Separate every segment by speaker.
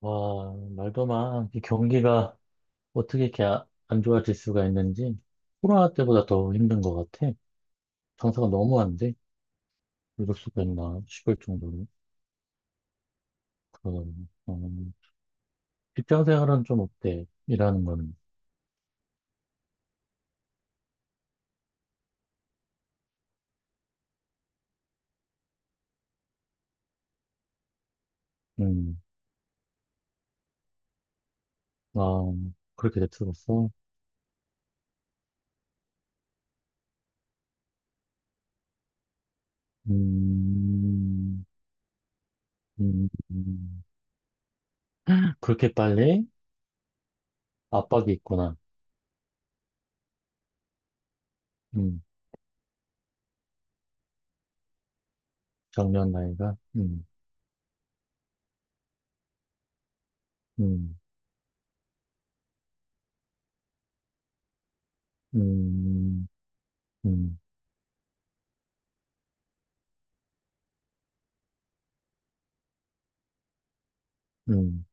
Speaker 1: 와, 말도 마. 이 경기가 어떻게 이렇게 안 좋아질 수가 있는지 코로나 때보다 더 힘든 것 같아. 장사가 너무 안 돼. 이럴 수가 있나 싶을 정도로. 그러더니 직장 생활은 좀 어때? 일하는 거는. 음. 아, 그렇게 됐었어? 음. 음, 음. 그렇게 빨리 압박이 있구나. 음. 정년 나이가. 음. 음. 음. 음. 음.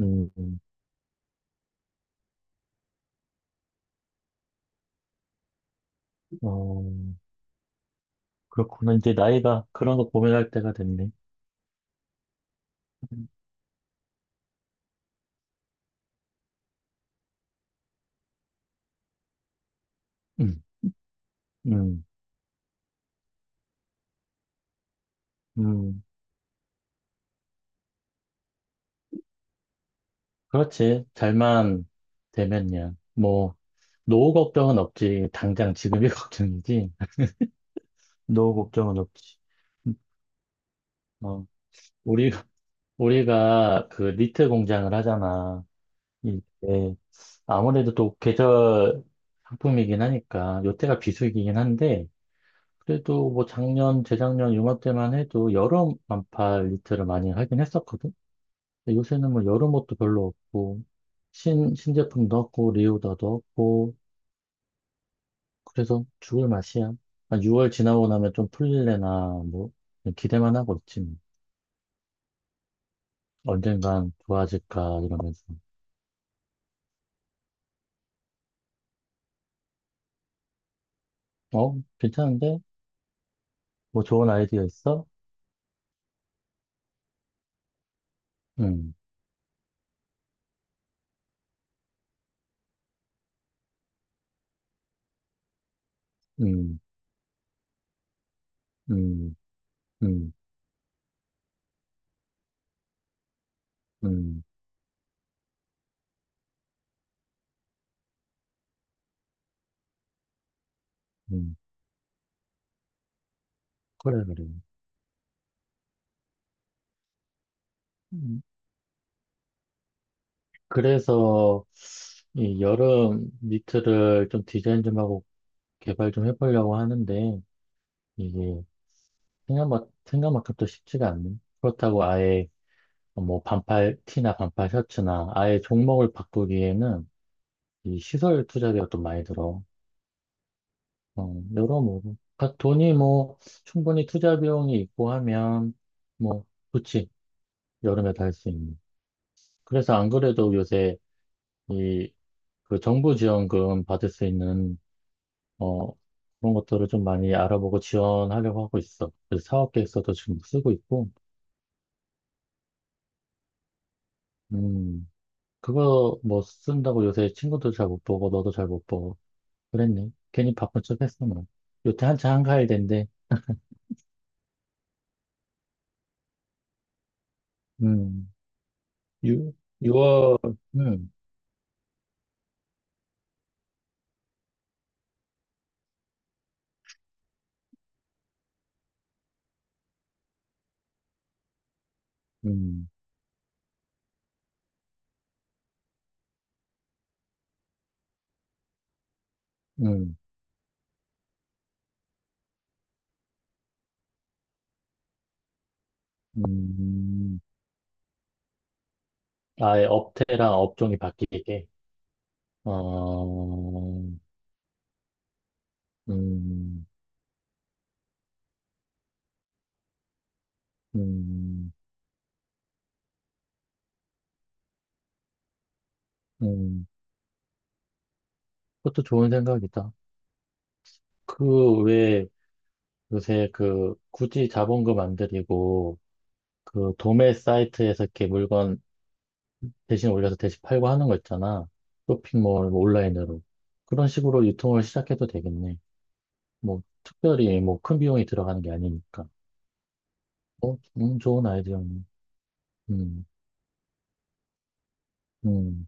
Speaker 1: 음. 음. 어, 그렇구나. 이제 나이가 그런 거 고민할 때가 됐네. 음. 음. 음. 그렇지. 잘만 되면야. 뭐, 노후 걱정은 없지. 당장 지금이 걱정이지. 노후 걱정은 없지. 음. 어, 우리, 우리가 그 니트 공장을 하잖아. 이게 아무래도 또 계절 상품이긴 하니까, 요때가 비수기긴 한데, 그래도 뭐 작년, 재작년, 요맘때만 해도 여름 반팔 니트를 많이 하긴 했었거든. 근데 요새는 뭐 여름 옷도 별로 없고, 신제품도 없고, 리오다도 없고, 그래서 죽을 맛이야. 한 6월 지나고 나면 좀 풀릴래나, 뭐, 그냥 기대만 하고 있지. 뭐. 언젠간 좋아질까, 이러면서. 어? 괜찮은데? 뭐 좋은 아이디어 있어? 음. 음. 음. 음. 음. 음. 그래, 그래. 음. 그래서, 이 여름 니트를 좀 디자인 좀 하고 개발 좀 해보려고 하는데, 이게 생각만큼 또 쉽지가 않네. 그렇다고 아예 뭐 반팔 티나 반팔 셔츠나 아예 종목을 바꾸기에는 이 시설 투자비가 또 많이 들어. 어, 여러모로. 각 돈이 뭐 충분히 투자 비용이 있고 하면 뭐 좋지. 여름에 다 할 수 있는. 그래서 안 그래도 요새 이 그 정부 지원금 받을 수 있는 어 그런 것들을 좀 많이 알아보고 지원하려고 하고 있어. 그래서 사업 계획서도 지금 쓰고 있고. 음. 그거 뭐 쓴다고 요새 친구도 잘 못 보고 너도 잘 못 보고 그랬네. 괜히 바쁜 척 했어 뭐. 요새 한창 한가할 텐데. 음. 6, 월 음. 음. 음. 음. 아예 업태랑 업종이 바뀌게. 어. 음. 음. 음. 그것도 좋은 생각이다. 그 왜 요새 그 굳이 자본금 안 들이고 그 도매 사이트에서 이렇게 물건 대신 올려서 대신 팔고 하는 거 있잖아. 쇼핑몰, 뭐 온라인으로. 그런 식으로 유통을 시작해도 되겠네. 뭐, 특별히 뭐 큰 비용이 들어가는 게 아니니까. 어, 좋은 아이디어네. 음, 음.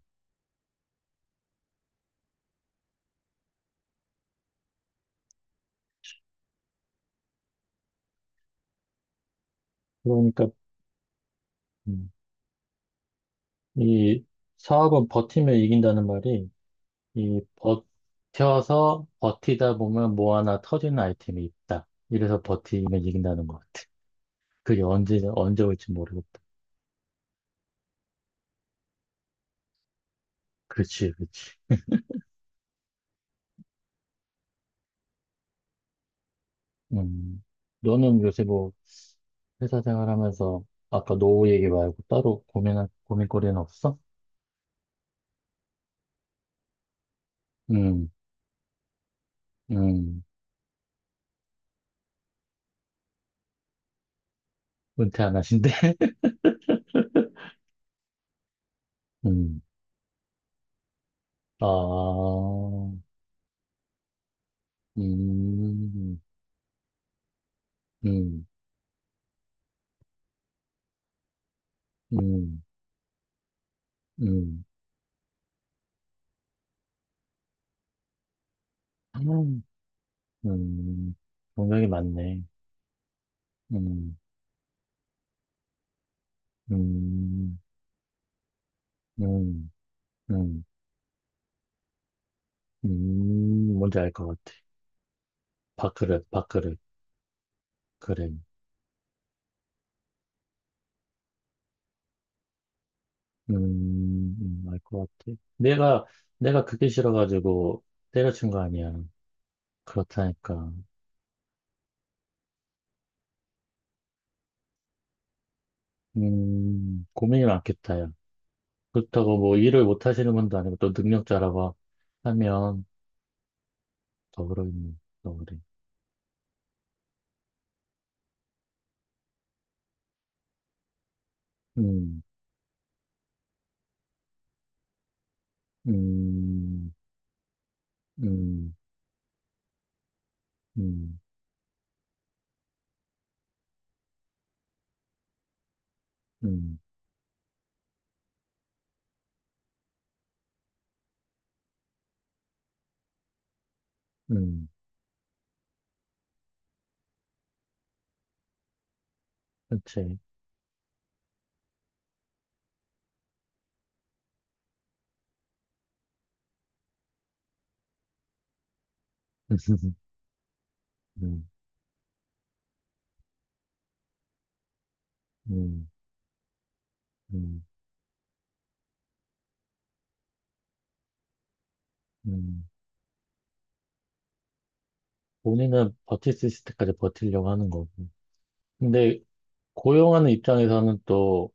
Speaker 1: 그러니까, 음, 이 사업은 버티면 이긴다는 말이, 이 버텨서 버티다 보면 뭐 하나 터지는 아이템이 있다. 이래서 버티면 이긴다는 것 같아. 그게 언제, 언제 올지 모르겠다. 그렇지, 그렇지. 음. 너는 요새 뭐, 회사 생활하면서 아까 노후 얘기 말고 따로 고민할 고민거리는 없어? 음. 음. 은퇴 안 하신대? 음. 아. 음. 음. 음. 음. 음. 음. 동력이 많네. 음. 음. 음. 음. 음. 뭔지 알 것 같아. 밥그릇, 밥그릇, 그래. 음. 음. 알 것 같아. 내가, 내가 그게 싫어가지고 때려친 거 아니야. 그렇다니까. 고민이 많겠다, 야. 그렇다고 뭐 일을 못 하시는 분도 아니고 또 능력자라고 하면 더 그러겠네, 더 그래. 음. 음. 음. 음. 음. 음. 그렇지. 음. 음. 음. 음. 본인은 버틸 수 있을 때까지 버틸려고 하는 거고. 근데 고용하는 입장에서는 또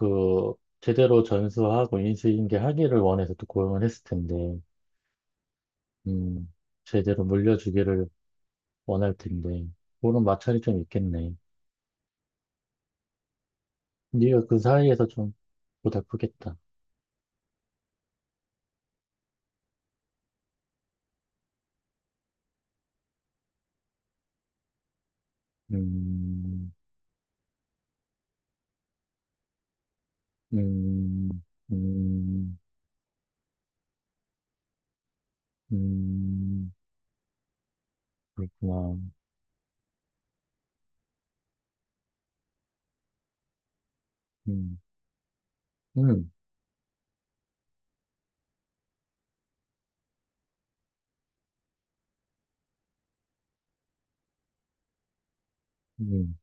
Speaker 1: 그 제대로 전수하고 인수인계 하기를 원해서 또 고용을 했을 텐데, 음, 제대로 물려주기를 원할 텐데. 그런 마찰이 좀 있겠네. 네가 그 사이에서 좀 고달프겠다. 음. 음. 음. 음. 그렇구나. 음. 음. 음.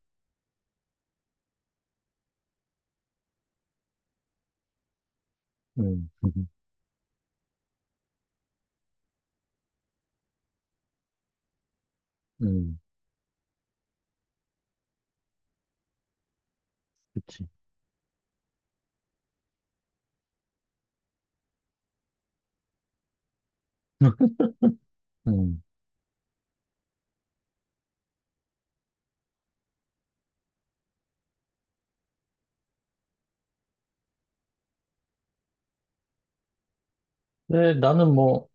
Speaker 1: 음. 음. 음. 그치. 음. 근데 나는 뭐,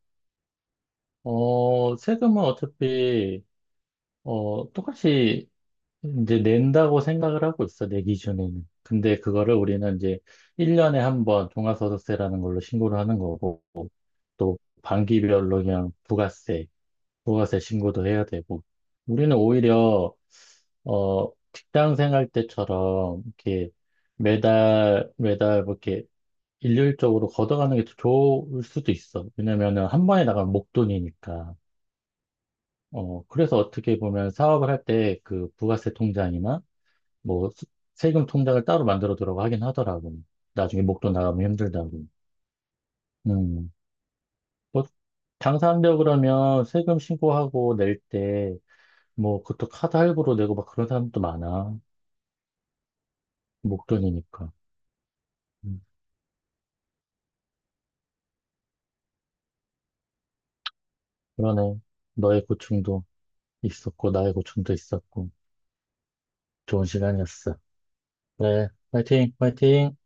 Speaker 1: 어, 세금은 어차피, 어, 똑같이 이제 낸다고 생각을 하고 있어, 내 기준에는. 근데 그거를 우리는 이제 1년에 한 번 종합소득세라는 걸로 신고를 하는 거고, 또 반기별로 그냥 부가세, 부가세 신고도 해야 되고. 우리는 오히려 어 직장 생활 때처럼 이렇게 매달 매달 뭐 이렇게 일률적으로 걷어가는 게 더 좋을 수도 있어. 왜냐면은 한 번에 나가면 목돈이니까. 어 그래서 어떻게 보면 사업을 할 때 그 부가세 통장이나 뭐 수- 세금 통장을 따로 만들어 두라고 하긴 하더라고. 나중에 목돈 나가면 힘들다고. 음. 뭐, 장사한다고 그러면 세금 신고하고 낼 때, 뭐, 그것도 카드 할부로 내고 막 그런 사람도 많아. 목돈이니까. 음, 그러네. 너의 고충도 있었고, 나의 고충도 있었고, 좋은 시간이었어. 그래, 파이팅, 파이팅!